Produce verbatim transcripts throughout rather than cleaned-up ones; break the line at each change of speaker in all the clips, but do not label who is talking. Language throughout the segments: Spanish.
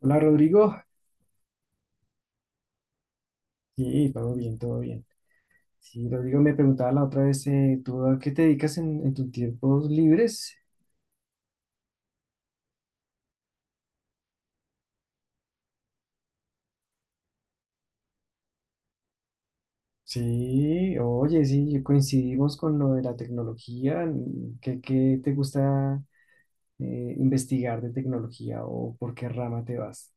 Hola Rodrigo, sí, todo bien, todo bien. Sí, Rodrigo me preguntaba la otra vez, eh, ¿tú a qué te dedicas en, en tus tiempos libres? Sí, oye, sí, coincidimos con lo de la tecnología. ¿Qué, qué te gusta eh, investigar de tecnología o por qué rama te vas?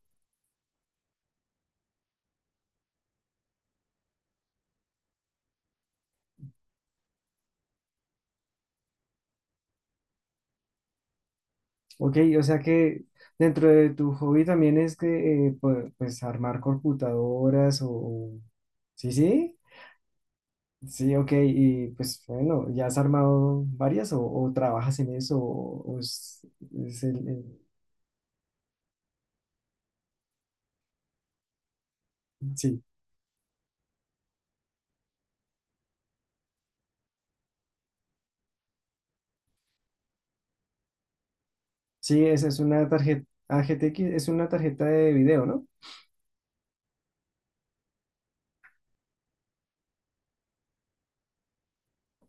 Ok, o sea que dentro de tu hobby también es que, eh, pu- pues, armar computadoras o... o- Sí, sí. Sí, ok, y pues bueno, ¿ya has armado varias o, o trabajas en eso? O, o es, es el- el- Sí, sí, esa es una tarjeta, A G T X es una tarjeta de video, ¿no?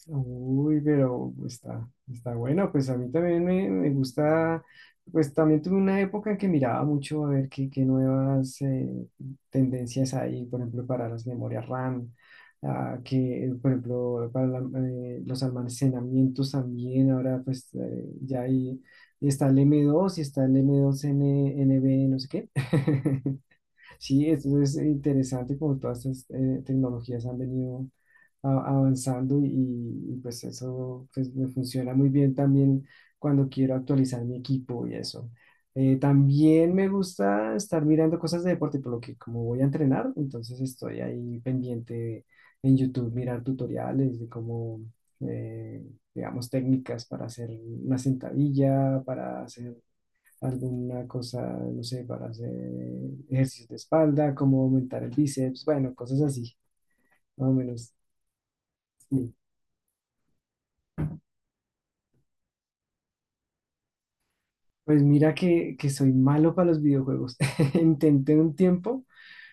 Uy, pero pues, está, está bueno, pues a mí también me, me gusta. Pues también tuve una época en que miraba mucho a ver qué, qué nuevas eh, tendencias hay, por ejemplo, para las memorias RAM. Ah, que, por ejemplo, para la- eh, los almacenamientos también, ahora pues eh, ya hay, está el M dos y está el M dos N B, no sé qué. Sí, esto es interesante como todas estas eh, tecnologías han venido a- avanzando, y, y pues eso pues me funciona muy bien también cuando quiero actualizar mi equipo y eso. Eh, también me gusta estar mirando cosas de deporte, por lo que como voy a entrenar, entonces estoy ahí pendiente en YouTube, mirar tutoriales de cómo, eh, digamos, técnicas para hacer una sentadilla, para hacer alguna cosa, no sé, para hacer ejercicios de espalda, cómo aumentar el bíceps, bueno, cosas así, más o menos. Sí. Pues mira que, que soy malo para los videojuegos. Intenté un tiempo,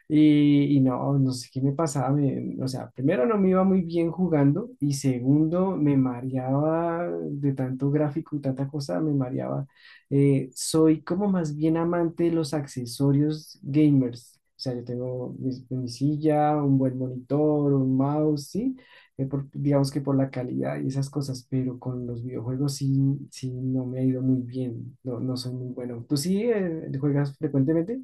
y, y no, no sé qué me pasaba. Me- o sea, primero no me iba muy bien jugando y segundo me mareaba de tanto gráfico y tanta cosa, me mareaba. Eh, soy como más bien amante de los accesorios gamers. O sea, yo tengo mis- mi, silla, un buen monitor, un mouse, ¿sí? Eh, por- digamos que por la calidad y esas cosas, pero con los videojuegos sí, sí no me ha ido muy bien. No, no soy muy bueno. ¿Tú sí eh, juegas frecuentemente?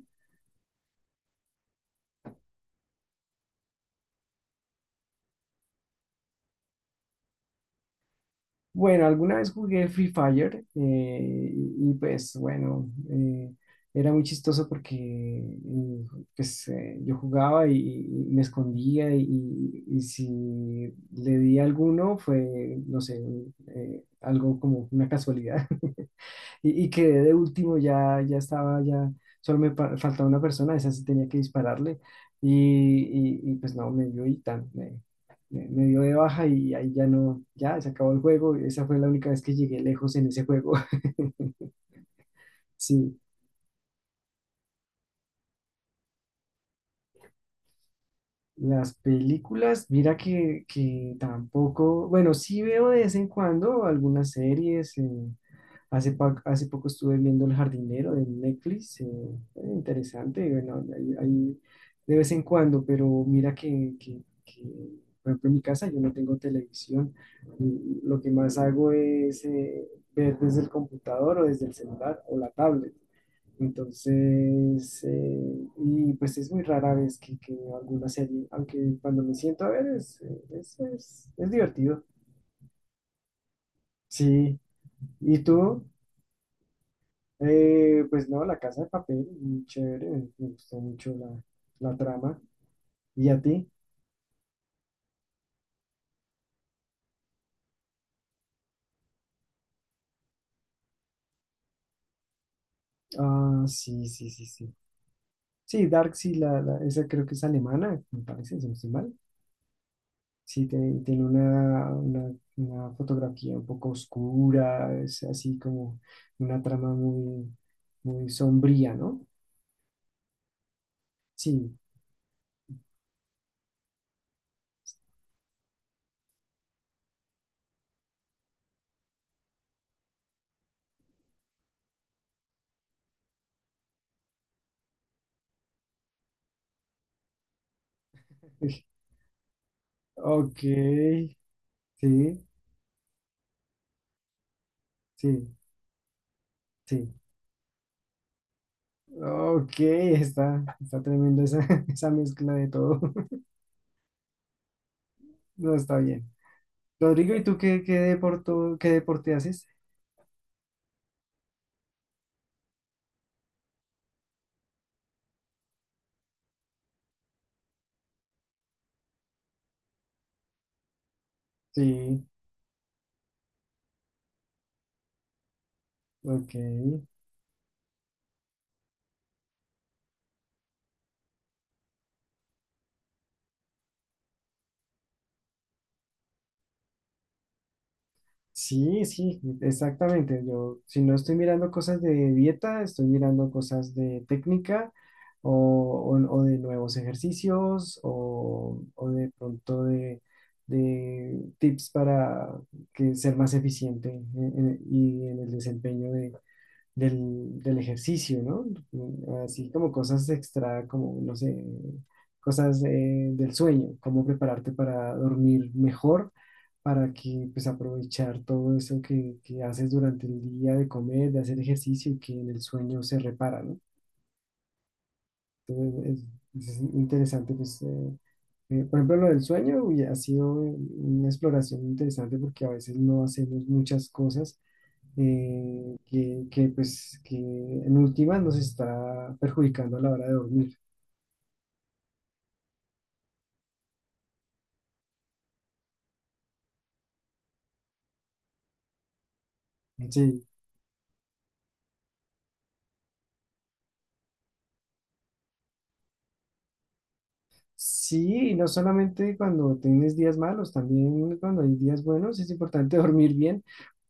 Bueno, alguna vez jugué Free Fire, eh, y, y, pues bueno, eh, era muy chistoso porque eh, pues, eh, yo jugaba y, y me escondía, y y si le di a alguno fue, no sé, eh, algo como una casualidad. Y, y quedé de último, ya, ya estaba, ya solo me pa- faltaba una persona, esa sí tenía que dispararle. Y, y, y, pues no, me dio y tan, me, me- me dio de baja y ahí ya no, ya se acabó el juego. Esa fue la única vez que llegué lejos en ese juego. Sí, las películas, mira que, que tampoco, bueno, sí veo de vez en cuando algunas series. Eh, Hace, pa- hace poco estuve viendo El Jardinero de Netflix, eh, eh, interesante, bueno, ahí- ahí de vez en cuando, pero mira que, que- que, por ejemplo, en mi casa yo no tengo televisión, y lo que más hago es eh, ver desde el computador o desde el celular o la tablet. Entonces, eh, y pues es muy rara vez que, que veo alguna serie, aunque cuando me siento a ver es, es, es es divertido. Sí, ¿y tú? Eh, pues no, La Casa de Papel, muy chévere, me gustó mucho la, la trama. ¿Y a ti? Ah, sí, sí, sí, sí. Sí, Dark, sí, la, la- esa creo que es alemana, me parece, si no estoy mal. Sí, tiene, tiene una, una, una fotografía un poco oscura, es así como una trama muy, muy sombría, ¿no? Sí. Ok, sí, sí, sí. Ok, está, está tremenda esa, esa mezcla de todo. No, está bien. Rodrigo, ¿y tú qué, qué deporte, qué deporte haces? Sí, ok. Sí, sí, exactamente. Yo, si no estoy mirando cosas de dieta, estoy mirando cosas de técnica, o, o- o de nuevos ejercicios, o, o de pronto de, de tips para que, ser más eficiente en- en- y en el desempeño de del, del ejercicio, ¿no? Mm, Así como cosas extra, como, no sé, cosas eh, del sueño, cómo prepararte para dormir mejor, para que pues aprovechar todo eso que, que haces durante el día de comer, de hacer ejercicio y que en el sueño se repara, ¿no? Entonces es, es interesante, pues, eh, eh, por ejemplo, lo del sueño, uy, ha sido una exploración interesante porque a veces no hacemos muchas cosas eh, que, que, pues, que en última nos está perjudicando a la hora de dormir. Sí, sí, y no solamente cuando tienes días malos, también cuando hay días buenos es importante dormir bien.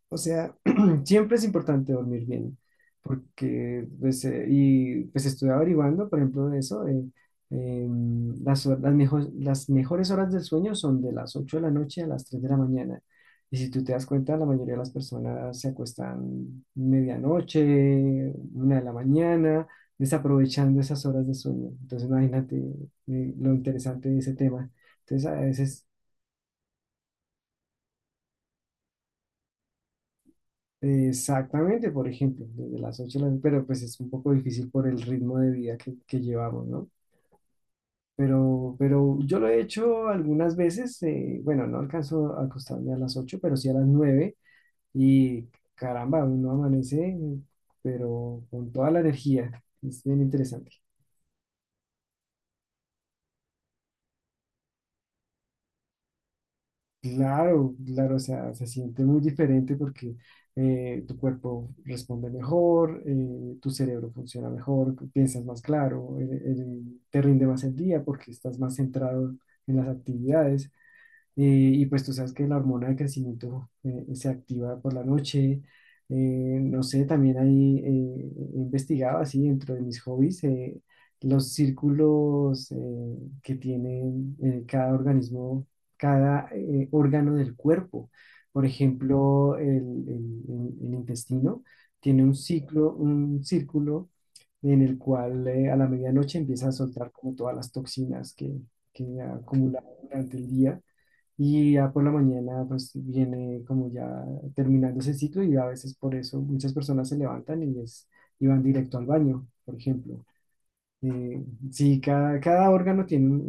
O sea, siempre es importante dormir bien, porque pues, eh, y pues estuve averiguando, por ejemplo, de eso. Eh, em, las, hor- las, mejo- las mejores horas del sueño son de las ocho de la noche a las tres de la mañana. Y si tú te das cuenta, la mayoría de las personas se acuestan medianoche, una de la mañana, desaprovechando esas horas de sueño. Entonces, imagínate, eh, lo interesante de ese tema. Entonces, a veces... Exactamente, por ejemplo, desde las ocho de la... pero pues es un poco difícil por el ritmo de vida que, que llevamos, ¿no? Pero, pero yo lo he hecho algunas veces, eh, bueno, no alcanzo a acostarme a las ocho, pero sí a las nueve, y caramba, uno amanece, pero con toda la energía, es bien interesante. Claro, claro, o sea, se siente muy diferente porque eh, tu cuerpo responde mejor, eh, tu cerebro funciona mejor, piensas más claro, eh, eh, te rinde más el día porque estás más centrado en las actividades. Eh, y pues tú sabes que la hormona de crecimiento eh, se activa por la noche. Eh, no sé, también ahí eh, he investigado así dentro de mis hobbies eh, los círculos eh, que tienen eh, cada organismo, cada eh, órgano del cuerpo. Por ejemplo, el, el- el- el intestino tiene un ciclo, un círculo en el cual eh, a la medianoche empieza a soltar como todas las toxinas que, que ha acumulado durante el día. Y ya por la mañana, pues viene como ya terminando ese ciclo y a veces por eso muchas personas se levantan y, es, y van directo al baño, por ejemplo. Eh, sí, cada, cada órgano tiene un,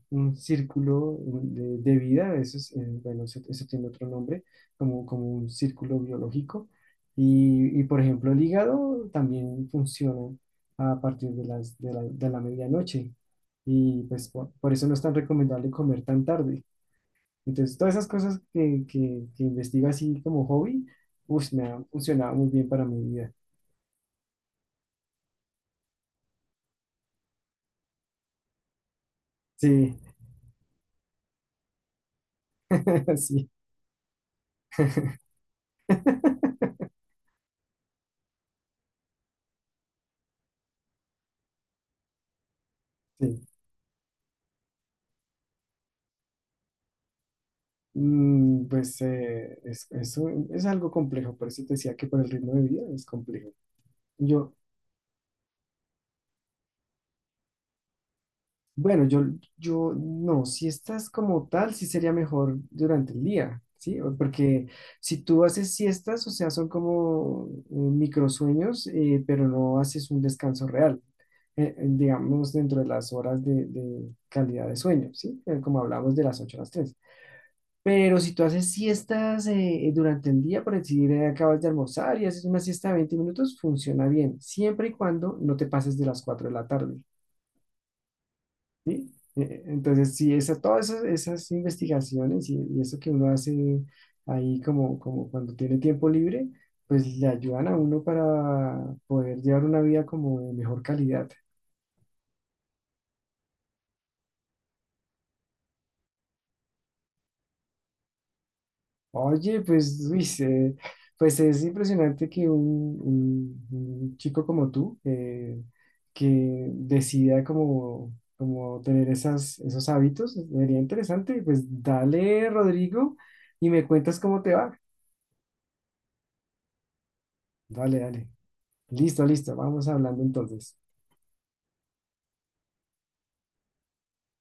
un- un círculo de, de vida, eso es, eh, bueno, eso, eso tiene otro nombre, como, como un círculo biológico. Y, y, por ejemplo, el hígado también funciona a partir de las, de la, de la medianoche. Y pues por por eso no es tan recomendable comer tan tarde. Entonces, todas esas cosas que, que, que investigo así como hobby, uff, me han funcionado muy bien para mi vida. Sí, sí, sí. Mm, pues eh, es, es un- es algo complejo, por eso te decía que por el ritmo de vida es complejo. Yo, Bueno, yo, yo no, si estás como tal, sí sería mejor durante el día, ¿sí? O- Porque si tú haces siestas, o sea, son como eh, microsueños, eh, pero no haces un descanso real, eh, eh, digamos, dentro de las horas de, de calidad de sueño, ¿sí? Eh, Como hablamos de las ocho a las tres. Pero si tú haces siestas eh, eh, durante el día, por decir, eh, acabas de almorzar y haces una siesta de veinte minutos, funciona bien, siempre y cuando no te pases de las cuatro de la tarde. Eh, Entonces, sí, esa, todas esas, esas investigaciones, y, y eso que uno hace ahí como, como cuando tiene tiempo libre, pues le ayudan a uno para poder llevar una vida como de mejor calidad. Oye, pues, uy, se- pues es impresionante que un, un- un chico como tú, eh, que decida como, como tener esas, esos hábitos, sería interesante. Pues dale, Rodrigo, y me cuentas cómo te va. Dale, dale. Listo, listo. Vamos hablando entonces.